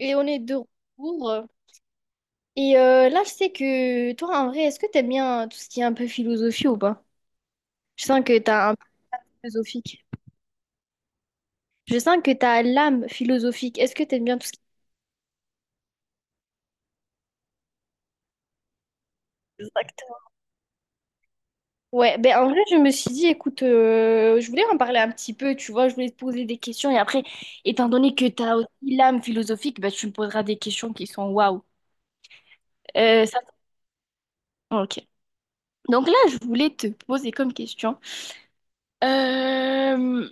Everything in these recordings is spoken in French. Et on est de retour. Et là, je sais que toi, en vrai, est-ce que t'aimes bien tout ce qui est un peu philosophie ou pas? Je sens que t'as un peu philosophique. Je sens que t'as l'âme philosophique. Est-ce que t'aimes bien tout ce qui est... Exactement. Ouais, ben en vrai, je me suis dit, écoute, je voulais en parler un petit peu, tu vois, je voulais te poser des questions. Et après, étant donné que t'as aussi l'âme philosophique, ben, tu me poseras des questions qui sont waouh. Ça... Ok. Donc là, je voulais te poser comme question. Euh,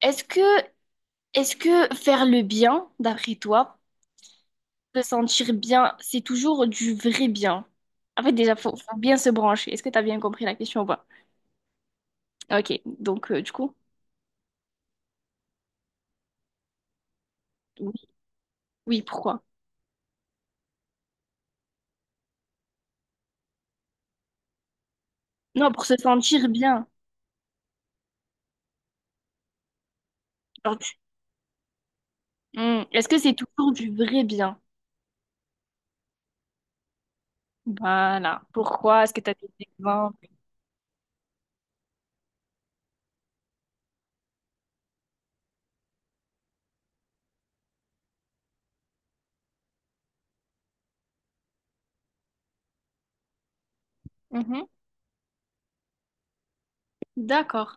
est-ce que Est-ce que faire le bien, d'après toi, se sentir bien, c'est toujours du vrai bien? En fait, déjà, faut bien se brancher. Est-ce que tu as bien compris la question ou pas? Ok, donc du coup, oui, oui, pourquoi? Non, pour se sentir bien. Genre, tu- Hmm, est-ce que c'est toujours du vrai bien? Voilà. Pourquoi? Est-ce que tu as des exemples? Mhm. D'accord.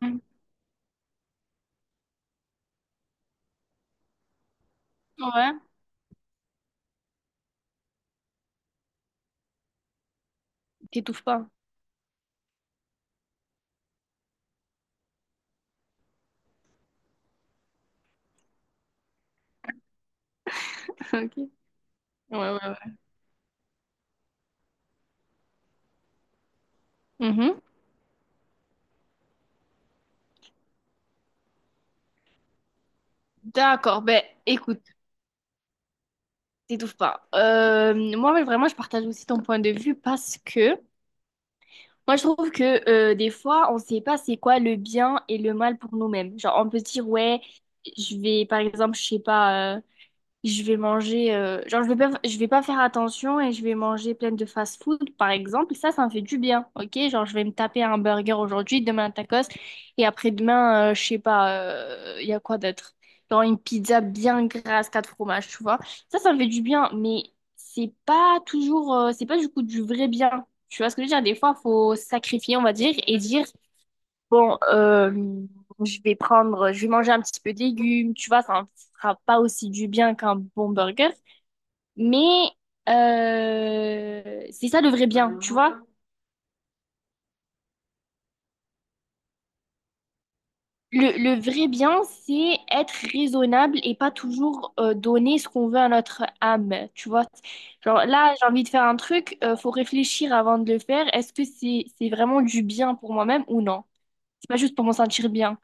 Mhm. Ouais. T'étouffes pas. Ok. Ouais, ouais, ouais. Mhm. D'accord. Ben, écoute. T'étouffes pas. Moi, ouais, vraiment, je partage aussi ton point de vue parce que moi, je trouve que des fois, on sait pas c'est quoi le bien et le mal pour nous-mêmes. Genre, on peut se dire, ouais, je vais, par exemple, je sais pas, je vais manger, genre je vais pas faire attention et je vais manger plein de fast-food par exemple. Ça me fait du bien, ok? Genre je vais me taper un burger aujourd'hui, demain un tacos et après-demain, je sais pas, il y a quoi d'autre? Genre une pizza bien grasse, quatre fromages, tu vois? Ça me fait du bien, mais c'est pas du coup du vrai bien. Tu vois ce que je veux dire? Des fois, faut sacrifier, on va dire, et dire bon, je vais manger un petit peu de légumes, tu vois, ça ne fera pas aussi du bien qu'un bon burger. Mais c'est ça le vrai bien, tu vois. Le vrai bien, c'est être raisonnable et pas toujours donner ce qu'on veut à notre âme, tu vois. Genre là, j'ai envie de faire un truc, faut réfléchir avant de le faire. Est-ce que c'est vraiment du bien pour moi-même ou non? C'est pas juste pour m'en sentir bien.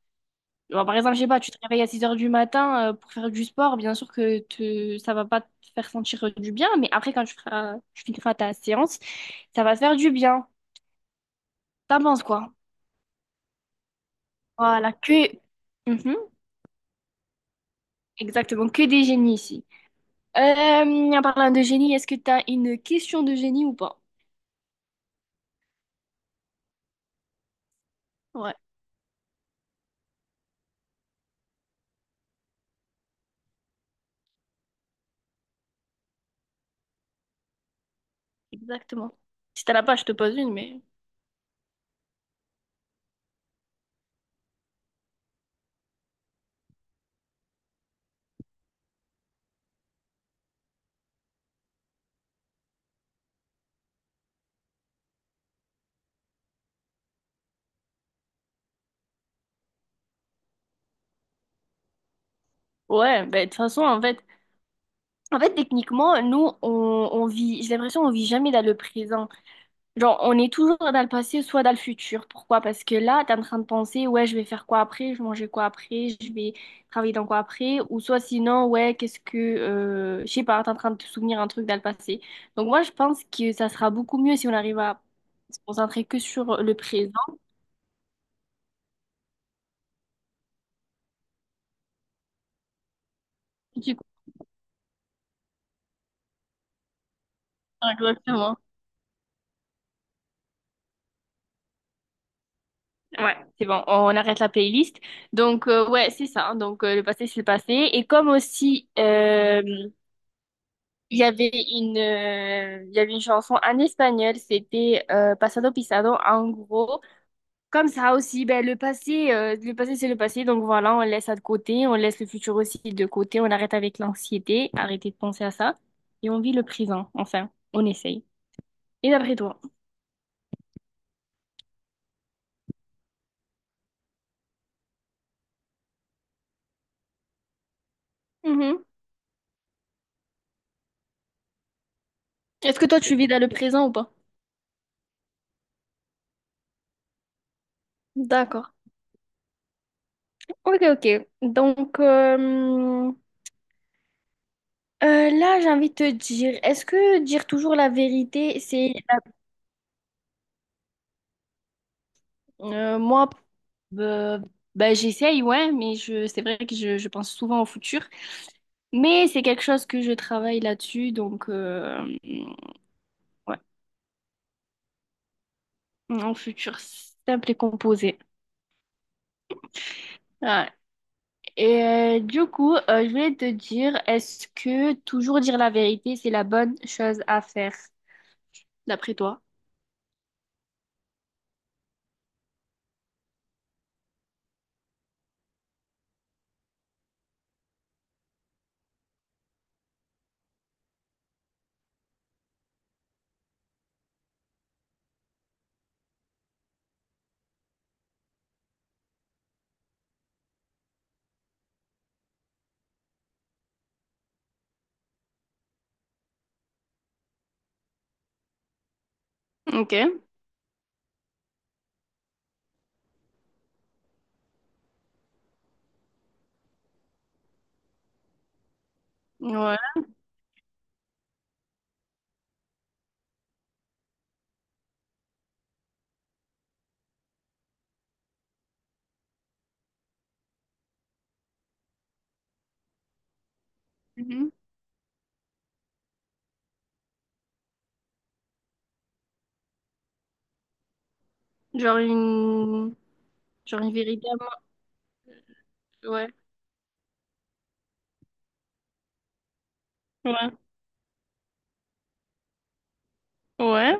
Bon, par exemple, je sais pas, tu te réveilles à 6 heures du matin pour faire du sport, bien sûr que ça va pas te faire sentir du bien, mais après, quand tu finiras ta séance, ça va te faire du bien. T'en penses quoi? Voilà, que... Mhm, exactement, que des génies ici. Euh, en parlant de génie, est-ce que t'as une question de génie ou pas? Ouais, exactement. Si t'en as pas, je te pose une, mais... Ouais, ben, de toute façon, en fait... En fait, techniquement, on vit... J'ai l'impression qu'on vit jamais dans le présent. Genre, on est toujours dans le passé, soit dans le futur. Pourquoi? Parce que là, t'es en train de penser, ouais, je vais faire quoi après, je vais manger quoi après, je vais travailler dans quoi après, ou soit sinon, ouais, qu'est-ce que, je sais pas, t'es en train de te souvenir un truc dans le passé. Donc moi, je pense que ça sera beaucoup mieux si on arrive à se concentrer que sur le présent. Du coup, exactement. Ouais, c'est bon, on arrête la playlist. Donc ouais, c'est ça. Donc le passé, c'est le passé. Et comme aussi, il y avait une chanson en espagnol, c'était Pasado Pisado. En gros, comme ça aussi, ben, le passé c'est le passé, donc voilà, on laisse ça de côté, on laisse le futur aussi de côté, on arrête avec l'anxiété, arrêtez de penser à ça, et on vit le présent, enfin, on essaye. Et d'après toi? Mhm. Est-ce que toi tu vis dans le présent ou pas? D'accord. Ok, ok. Donc, là, j'ai envie de te dire, est-ce que dire toujours la vérité, c'est moi, euh, bah, j'essaye, ouais, mais c'est vrai que je pense souvent au futur. Mais c'est quelque chose que je travaille là-dessus, donc ouais, un futur simple et composé. Ouais. Et du coup, je voulais te dire, est-ce que toujours dire la vérité, c'est la bonne chose à faire, d'après toi? Ok, ouais. Mhm. Genre une... Genre une vérité à moi. Ouais, ouais, ouais.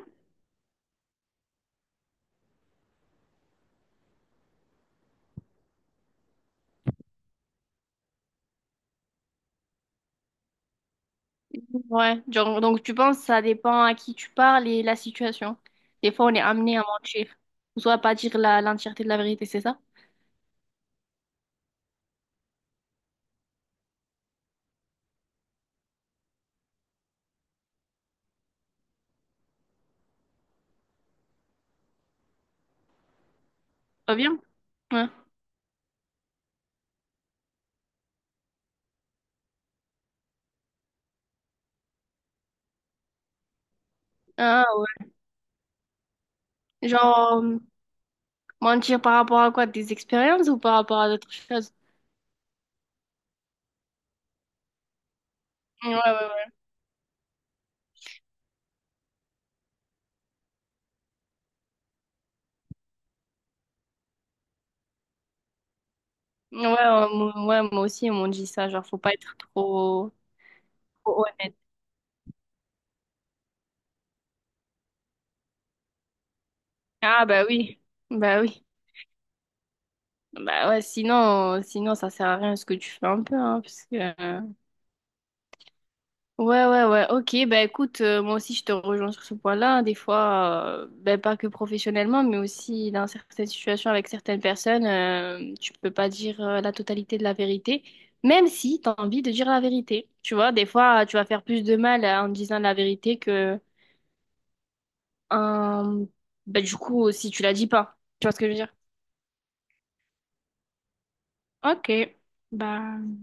Ouais, genre, donc tu penses que ça dépend à qui tu parles et la situation. Des fois, on est amené à mentir, ou soit à pas dire l'entièreté de la vérité, c'est ça? Pas bien? Ouais. Ah, ouais. Genre, mentir par rapport à quoi? Des expériences ou par rapport à d'autres choses? Ouais, ouais, ouais. Ouais, moi ouais, moi aussi, ils m'ont dit ça, genre, faut pas être trop, trop honnête. Ah, bah oui, bah oui. Bah ouais, sinon, sinon, ça sert à rien ce que tu fais un peu, hein, parce que... euh, ouais, ouais, ouais. Ok, bah écoute, moi aussi je te rejoins sur ce point-là, hein. Des fois, ben, pas que professionnellement, mais aussi dans certaines situations avec certaines personnes, tu peux pas dire la totalité de la vérité, même si tu as envie de dire la vérité. Tu vois, des fois, tu vas faire plus de mal en disant la vérité que en- ben, du coup, si tu la dis pas. Tu vois ce que je veux dire? Ok, bah.